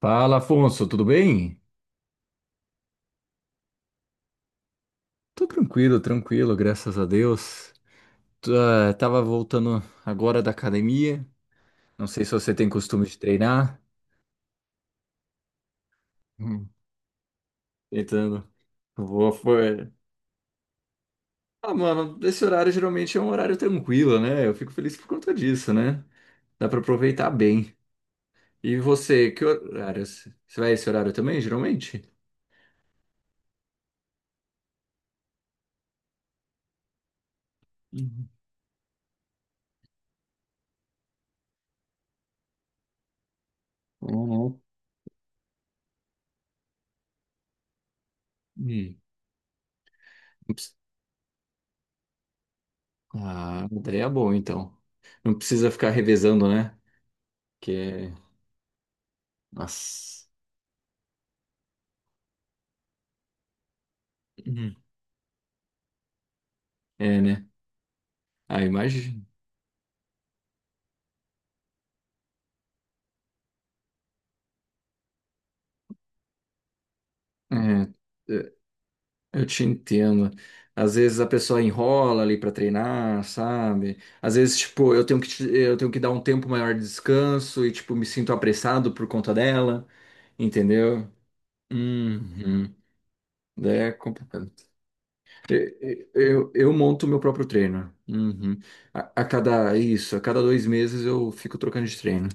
Fala, Afonso, tudo bem? Tô tranquilo, tranquilo, graças a Deus. Tô, tava voltando agora da academia. Não sei se você tem costume de treinar. Hum. Tentando. Vou, foi. Ah, mano, esse horário geralmente é um horário tranquilo, né? Eu fico feliz por conta disso, né? Dá pra aproveitar bem. E você, que horário? Você vai esse horário também, geralmente? Uhum. Uhum. Hum. Não precisa- Ah, daí é bom, então. Não precisa ficar revezando, né? Que é Nossa. Uhum. É, né? Ah, imagina. É, é, eu te entendo. Às vezes a pessoa enrola ali pra treinar, sabe? Às vezes, tipo, eu tenho eu tenho que dar um tempo maior de descanso e, tipo, me sinto apressado por conta dela, entendeu? Uhum. É complicado. Eu monto meu próprio treino. Uhum. A cada 2 meses eu fico trocando de treino.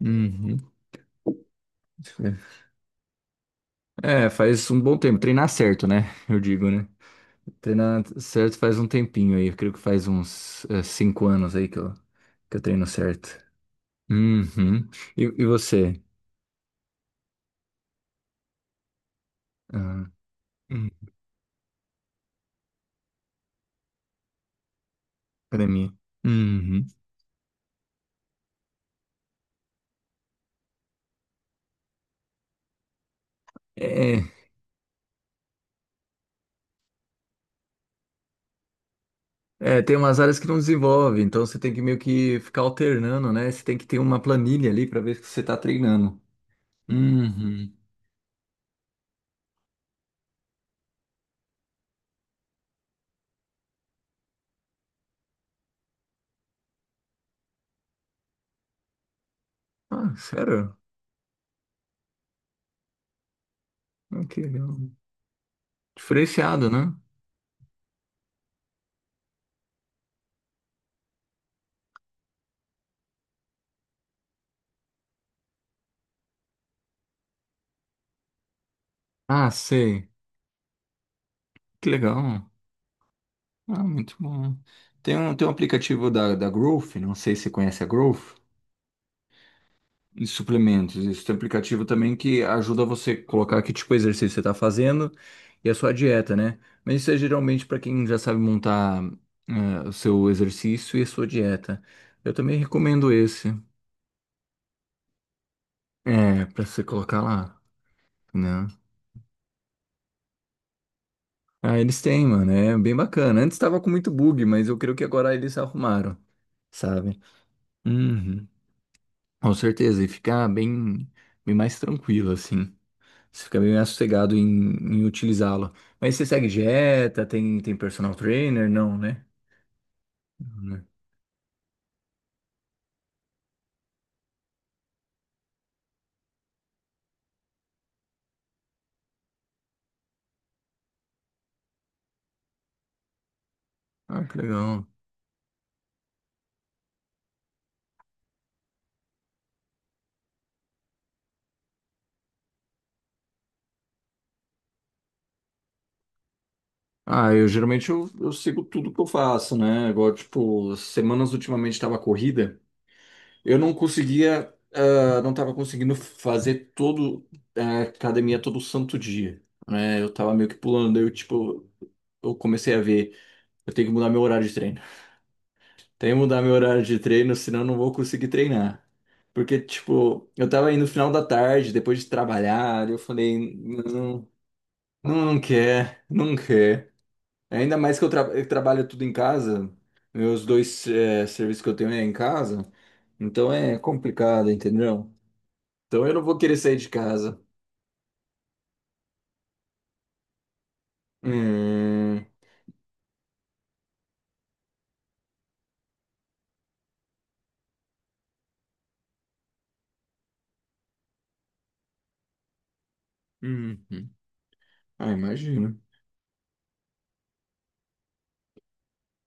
Uhum. É. É, faz um bom tempo. Treinar certo, né? Eu digo, né? Treinar certo faz um tempinho aí. Eu creio que faz uns 5 anos aí que eu treino certo. Uhum. E você? Ah, hum, academia. Uhum. É, é, tem umas áreas que não desenvolve, então você tem que meio que ficar alternando, né? Você tem que ter uma planilha ali pra ver se você tá treinando. Uhum. Ah, sério? Ah, que legal. Diferenciado, né? Ah, sei. Que legal. Ah, muito bom. Tem um aplicativo da, da Growth, não sei se você conhece a Growth, de suplementos. Isso tem um aplicativo também que ajuda você a colocar que tipo de exercício você está fazendo e a sua dieta, né? Mas isso é geralmente para quem já sabe montar o seu exercício e a sua dieta. Eu também recomendo esse, é, para você colocar lá, né? Ah, eles têm, mano, é bem bacana. Antes estava com muito bug, mas eu creio que agora eles arrumaram, sabe? Uhum. Com certeza, e fica bem, bem mais tranquilo, assim. Você fica bem mais sossegado em, em utilizá-lo. Mas você segue dieta, tem, tem personal trainer? Não, né? Não, né? Ah, que legal. Ah, eu geralmente eu sigo tudo que eu faço, né? Igual, tipo, semanas ultimamente estava corrida, eu não conseguia, não estava conseguindo fazer todo a academia todo santo dia, né? Eu tava meio que pulando, daí eu, tipo, eu comecei a ver, eu tenho que mudar meu horário de treino. Tem que mudar meu horário de treino, senão eu não vou conseguir treinar. Porque, tipo, eu tava indo no final da tarde, depois de trabalhar, eu falei, não, não, não quer, não quer. Ainda mais que eu trabalho tudo em casa, meus dois serviços que eu tenho é em casa, então é complicado, entendeu? Então eu não vou querer sair de casa. Hum, uhum. Ah, imagino.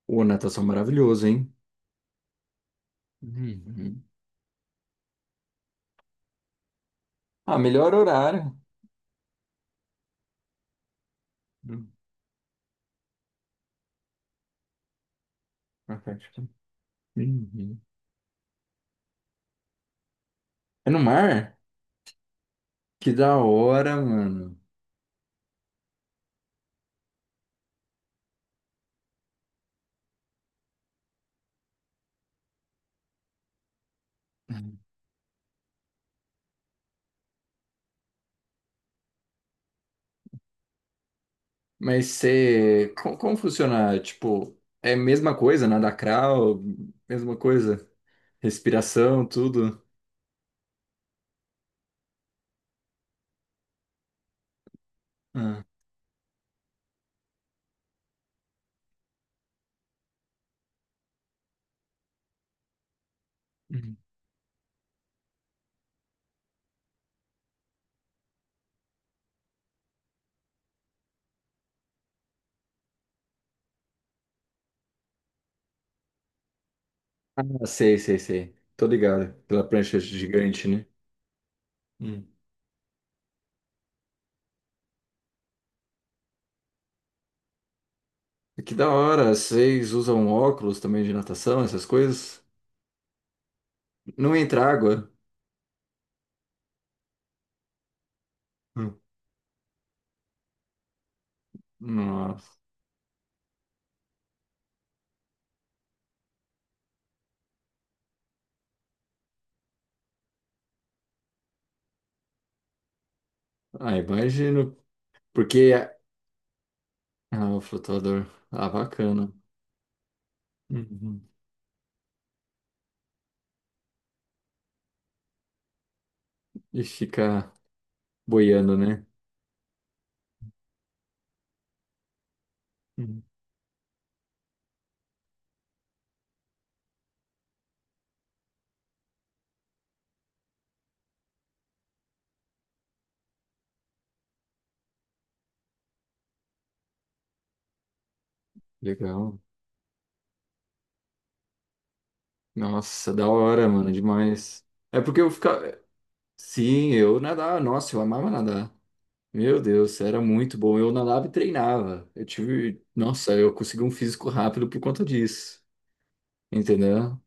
Ô, natação maravilhoso, hein? Uhum. Ah, melhor horário. Hum, perfeito. Uhum. É no mar? Que da hora, mano. Mas você. Como funciona? Tipo, é a mesma coisa, nada crawl, mesma coisa. Respiração, tudo. Ah, uhum. Ah, sei, sei, sei. Tô ligado. Pela prancha gigante, né? Hum. Que da hora. Vocês usam óculos também de natação, essas coisas? Não entra água? Hum. Nossa. Ah, imagino. Porque. Ah, o flutuador. Ah, bacana. Uhum. E fica boiando, né? Hum, legal. Nossa, da hora, mano, demais. É porque eu ficava. Sim, eu nadava. Nossa, eu amava nadar. Meu Deus, era muito bom. Eu nadava e treinava. Eu tive. Nossa, eu consegui um físico rápido por conta disso. Entendeu?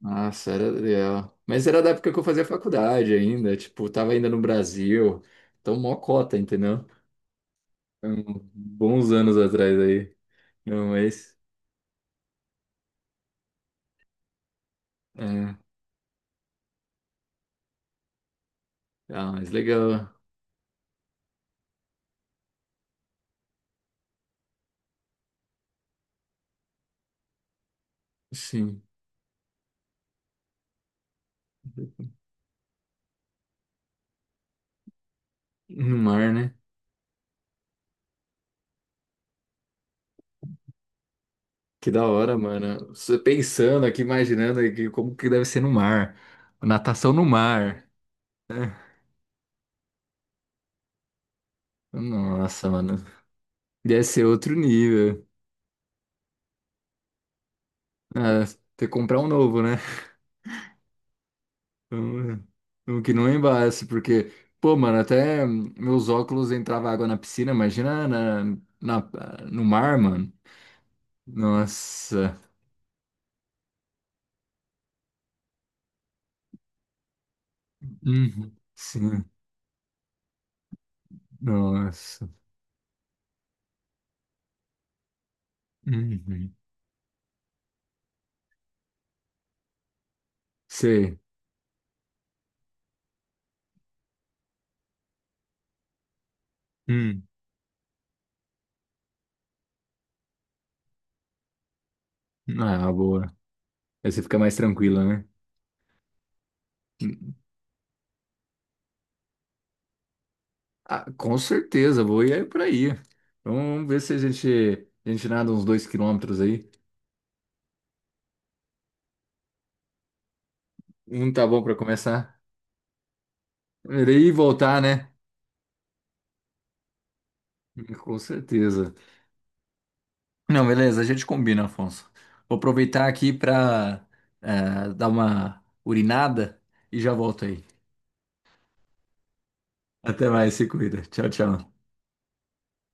Nossa, era legal. Mas era da época que eu fazia faculdade ainda. Tipo, tava ainda no Brasil. Então, mó cota, entendeu? Hum, Bons anos atrás aí. Não, mas. É. Ah, mas legal. Sim. No mar, né? Que da hora, mano. Você pensando aqui, imaginando aqui como que deve ser no mar. Natação no mar. Nossa, mano. Deve ser outro nível. Ah, ter que comprar um novo, né? Um, um que não embace, porque, pô, mano, até meus óculos entrava água na piscina, imagina na, na- no mar, mano. Nossa. Uhum. Sim. Nossa. Uhum. Sei. Hum. Ah, boa. Aí você fica mais tranquila, né? Ah, com certeza, vou ir aí por aí. Então, vamos ver se a gente nada uns 2 km aí. Não tá bom para começar? Ir e voltar, né? Com certeza. Não, beleza, a gente combina, Afonso. Vou aproveitar aqui para dar uma urinada e já volto aí. Até mais, se cuida. Tchau, tchau.